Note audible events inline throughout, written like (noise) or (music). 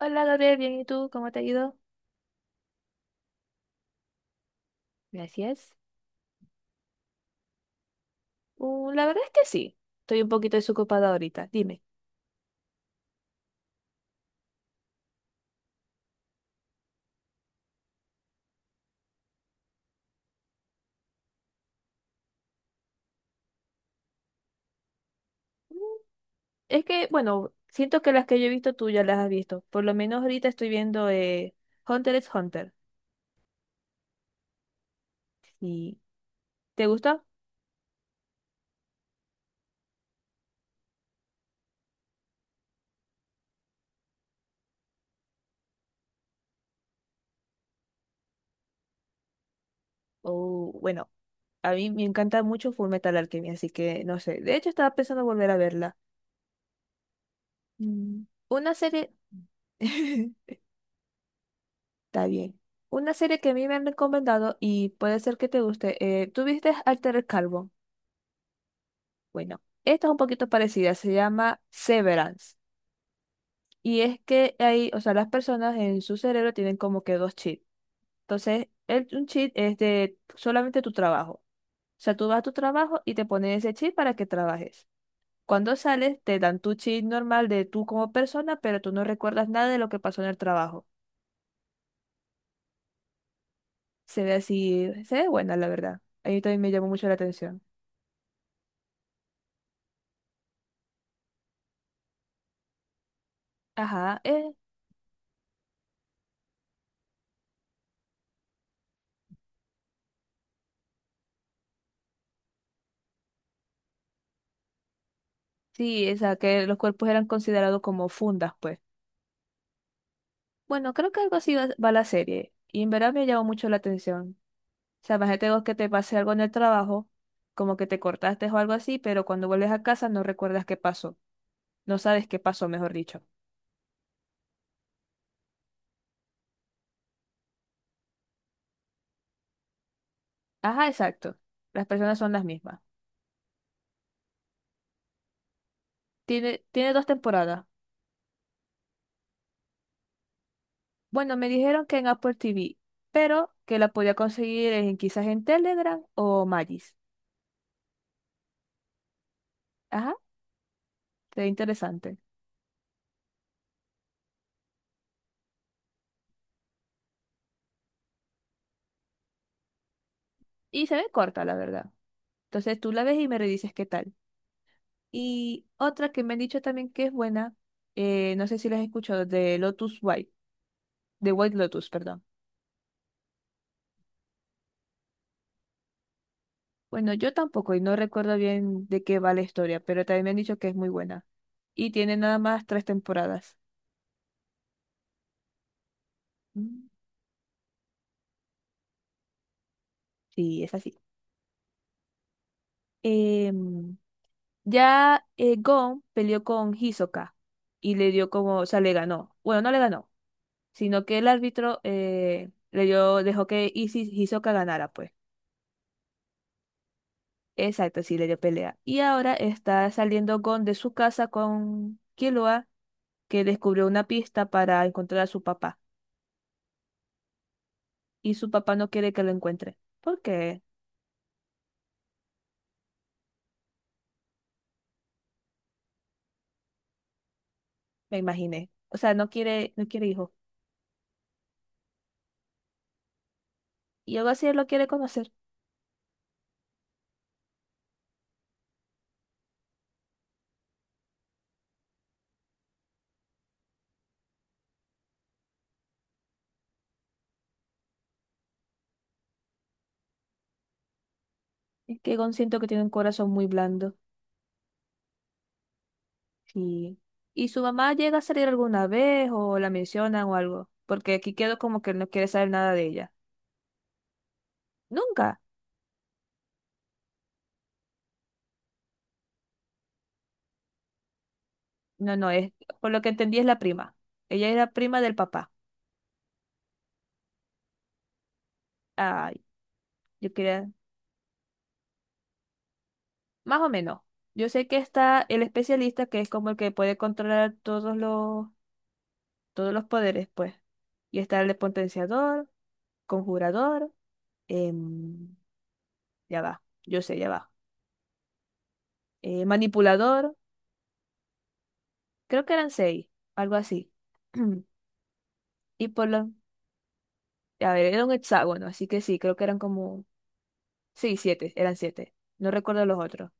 Hola Gabriel, bien, ¿y tú? ¿Cómo te ha ido? Gracias. La verdad es que sí, estoy un poquito desocupada ahorita, dime. Mm, Es que, bueno, siento que las que yo he visto tú ya las has visto, por lo menos ahorita estoy viendo Hunter x Hunter. ¿Y te gusta? Oh, bueno, a mí me encanta mucho Full Metal Alchemy, así que no sé, de hecho estaba pensando volver a verla. Una serie, (laughs) está bien, una serie que a mí me han recomendado y puede ser que te guste, ¿tú viste Alter Carbon? Bueno, esta es un poquito parecida, se llama Severance. Y es que hay, o sea, las personas en su cerebro tienen como que dos chips. Entonces, un chip es de solamente tu trabajo. O sea, tú vas a tu trabajo y te ponen ese chip para que trabajes. Cuando sales, te dan tu chip normal de tú como persona, pero tú no recuerdas nada de lo que pasó en el trabajo. Se ve así, se ve buena, la verdad. A mí también me llamó mucho la atención. Ajá, sí, o sea, que los cuerpos eran considerados como fundas, pues. Bueno, creo que algo así va la serie. Y en verdad me llamó mucho la atención. O sea, imagínate vos que te pase algo en el trabajo, como que te cortaste o algo así, pero cuando vuelves a casa no recuerdas qué pasó. No sabes qué pasó, mejor dicho. Ajá, exacto. Las personas son las mismas. Tiene dos temporadas. Bueno, me dijeron que en Apple TV, pero que la podía conseguir en, quizás en Telegram o Magis. Ajá, se ve interesante. Y se ve corta, la verdad. Entonces tú la ves y me redices qué tal. Y otra que me han dicho también que es buena, no sé si las has escuchado, de Lotus White, de White Lotus, perdón. Bueno, yo tampoco y no recuerdo bien de qué va la historia, pero también me han dicho que es muy buena. Y tiene nada más tres temporadas. Mm, sí, es así. Em, ya Gon peleó con Hisoka y le dio como, o sea, le ganó. Bueno, no le ganó, sino que el árbitro le dio, dejó que Hisoka ganara, pues. Exacto, sí, le dio pelea. Y ahora está saliendo Gon de su casa con Killua, que descubrió una pista para encontrar a su papá. Y su papá no quiere que lo encuentre. ¿Por qué? Me imaginé. O sea, no quiere, no quiere hijo. Y algo así él lo quiere conocer. Es que Gon siento que tiene un corazón muy blando. Y, y su mamá llega a salir alguna vez o la mencionan o algo. Porque aquí quedó como que él no quiere saber nada de ella. Nunca. No, no, por lo que entendí es la prima. Ella es la prima del papá. Ay, yo quería. Más o menos. Yo sé que está el especialista, que es como el que puede controlar todos los, poderes, pues. Y está el de potenciador, conjurador, em, ya va, yo sé, ya va. Manipulador, creo que eran seis, algo así. (clears throat) Y por los, a ver, era un hexágono, así que sí, creo que eran como, sí, siete, eran siete. No recuerdo los otros.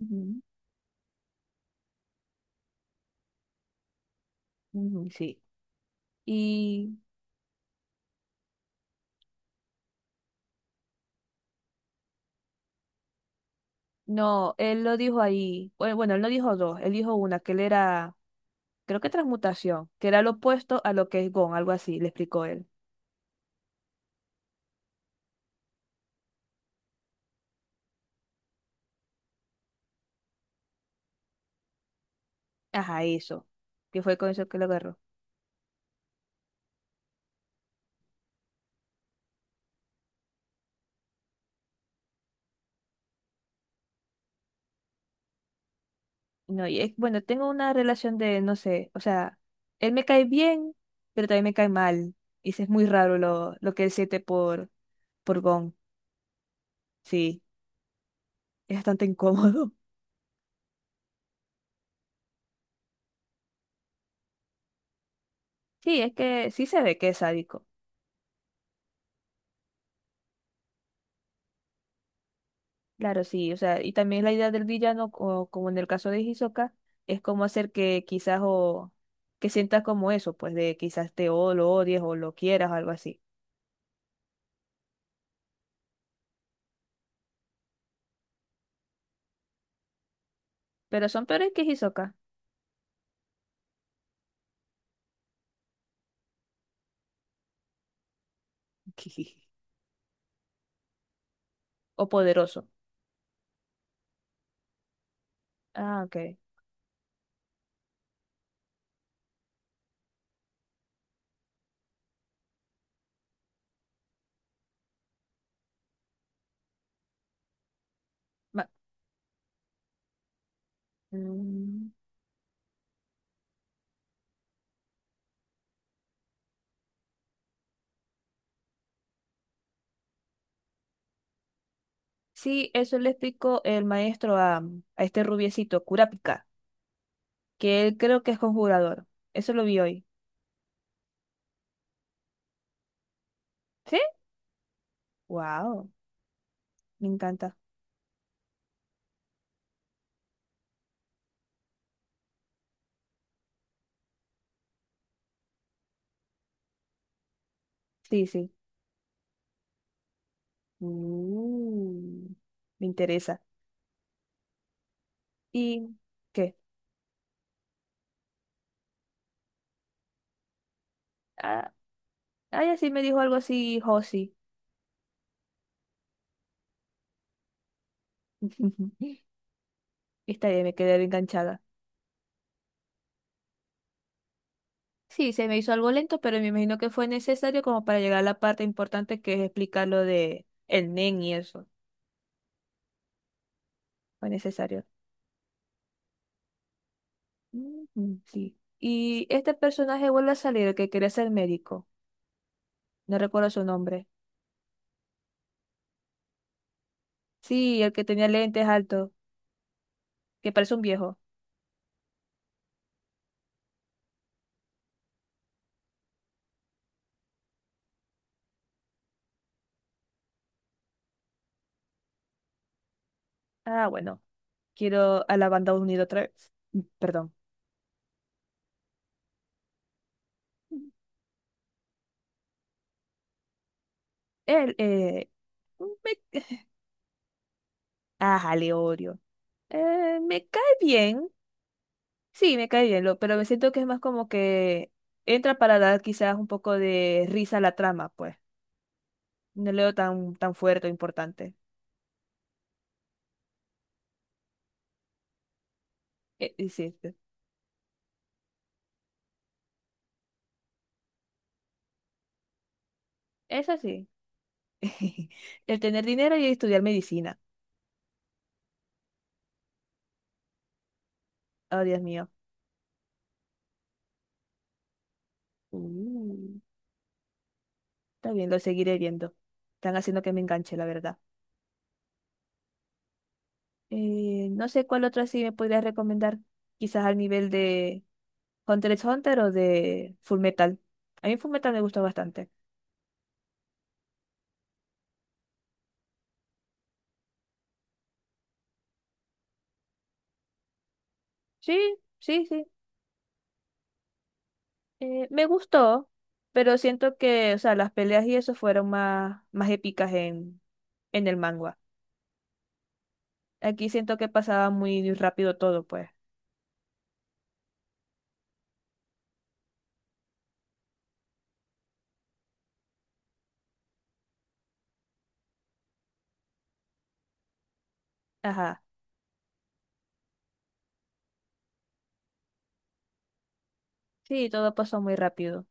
Ujú, ujú, sí. Y no, él lo dijo ahí, bueno, bueno, él no dijo dos, él dijo una, que él era creo que transmutación, que era lo opuesto a lo que es Gon, algo así, le explicó él. Ajá, eso, que fue con eso que lo agarró. No, y es, bueno, tengo una relación de, no sé, o sea, él me cae bien, pero también me cae mal. Y sí es muy raro lo que él siente por Gon. Sí, es bastante incómodo. (laughs) Sí, es que sí se ve que es sádico. Claro, sí, o sea, y también la idea del villano, o como en el caso de Hisoka, es como hacer que quizás o que sientas como eso, pues de quizás te o lo odies o lo quieras o algo así. Pero son peores que Hisoka, (laughs) o poderoso. Ah, ok. Ma- mm, sí, eso le explicó el maestro a este rubiecito, Kurapika, que él creo que es conjurador. Eso lo vi hoy. ¿Sí? Wow, me encanta. Sí, sí. Mm, me interesa. ¿Y qué? Ah, ay, así me dijo algo así, Josi. (laughs) Está bien, me quedé enganchada. Sí, se me hizo algo lento, pero me imagino que fue necesario como para llegar a la parte importante que es explicar lo de el nen y eso. Fue necesario. Ujú, sí. Y este personaje vuelve a salir, el que quería ser médico. No recuerdo su nombre. Sí, el que tenía lentes altos, que parece un viejo. Ah, bueno, quiero a la banda unida otra vez. Mm, perdón. Él, me- (laughs) Ajá, Leorio. Me cae bien, sí, me cae bien, lo, pero me siento que es más como que entra para dar quizás un poco de risa a la trama, pues. No leo tan, tan fuerte o importante. Y sí, sí. Eso sí. (laughs) El tener dinero y estudiar medicina. Oh, Dios mío. Mm, está bien, lo seguiré viendo. Están haciendo que me enganche, la verdad. No sé cuál otra sí me podrías recomendar. Quizás al nivel de Hunter x Hunter o de Full Metal. A mí Full Metal me gusta bastante. Sí, sí, sí. Me gustó, pero siento que, o sea, las peleas y eso fueron más, más épicas en el manga. Aquí siento que pasaba muy rápido todo, pues. Ajá. Sí, todo pasó muy rápido.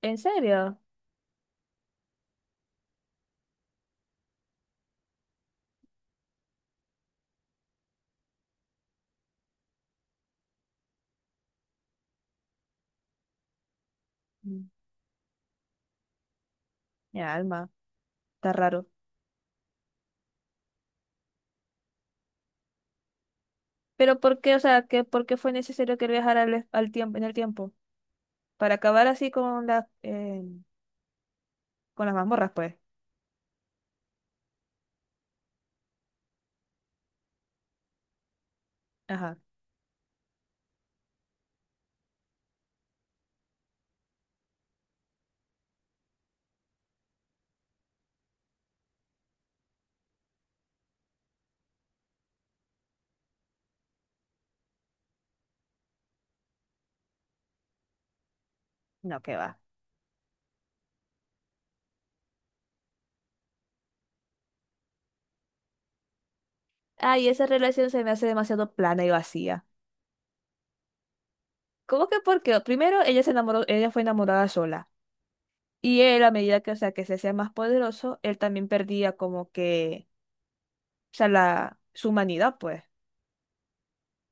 ¿En serio? Mm, Mi alma, está raro. Pero ¿por qué, o sea, que, por qué fue necesario que él viajara al tiempo, en el tiempo? Para acabar así con con las mazmorras, pues. Ajá. No, que va. Ay, esa relación se me hace demasiado plana y vacía. ¿Cómo que por qué? Primero, ella se enamoró, ella fue enamorada sola. Y él, a medida que, o sea, que se hacía más poderoso, él también perdía como que, o sea, la, su humanidad, pues.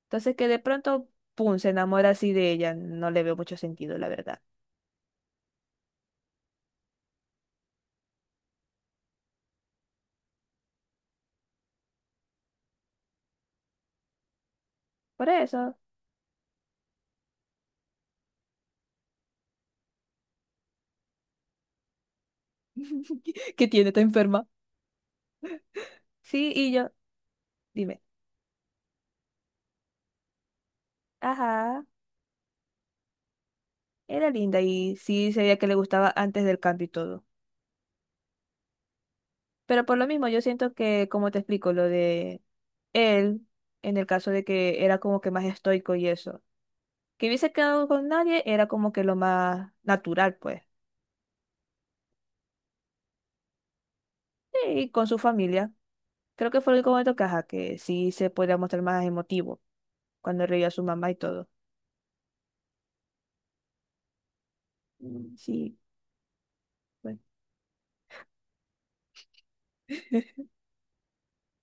Entonces que de pronto, pum, se enamora así de ella. No le veo mucho sentido, la verdad. Por eso. (laughs) ¿Qué tiene? ¿Está enferma? Sí, y yo, dime. Ajá, era linda y sí se que le gustaba antes del cambio y todo. Pero por lo mismo, yo siento que, como te explico, lo de él, en el caso de que era como que más estoico y eso. Que hubiese quedado con nadie era como que lo más natural, pues. Y con su familia. Creo que fue el único momento que, ajá, que sí se podía mostrar más emotivo cuando reía a su mamá y todo. Mm, sí, bueno. (laughs)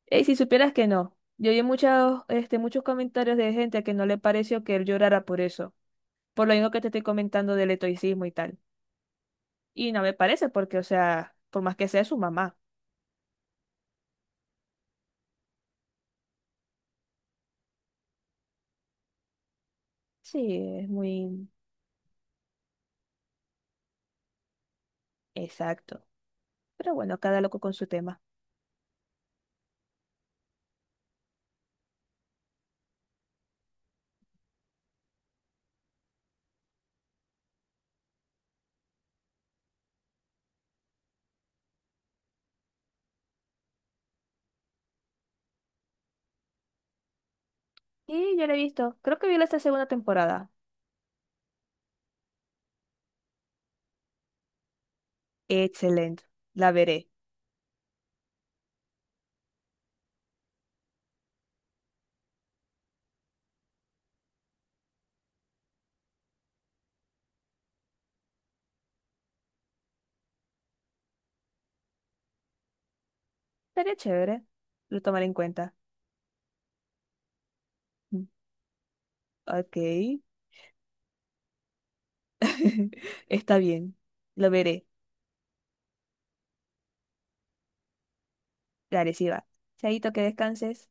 Y si supieras que no, yo vi muchos, muchos comentarios de gente que no le pareció que él llorara por eso, por lo mismo que te estoy comentando del estoicismo y tal. Y no me parece porque, o sea, por más que sea su mamá. Sí, es muy exacto. Pero bueno, cada loco con su tema. Y yo la he visto, creo que vi la esta segunda temporada. Excelente, la veré. Sería chévere. Lo tomaré en cuenta. Mm, ok. (laughs) Está bien. Lo veré. Dale, sí va. Chaito, que descanses.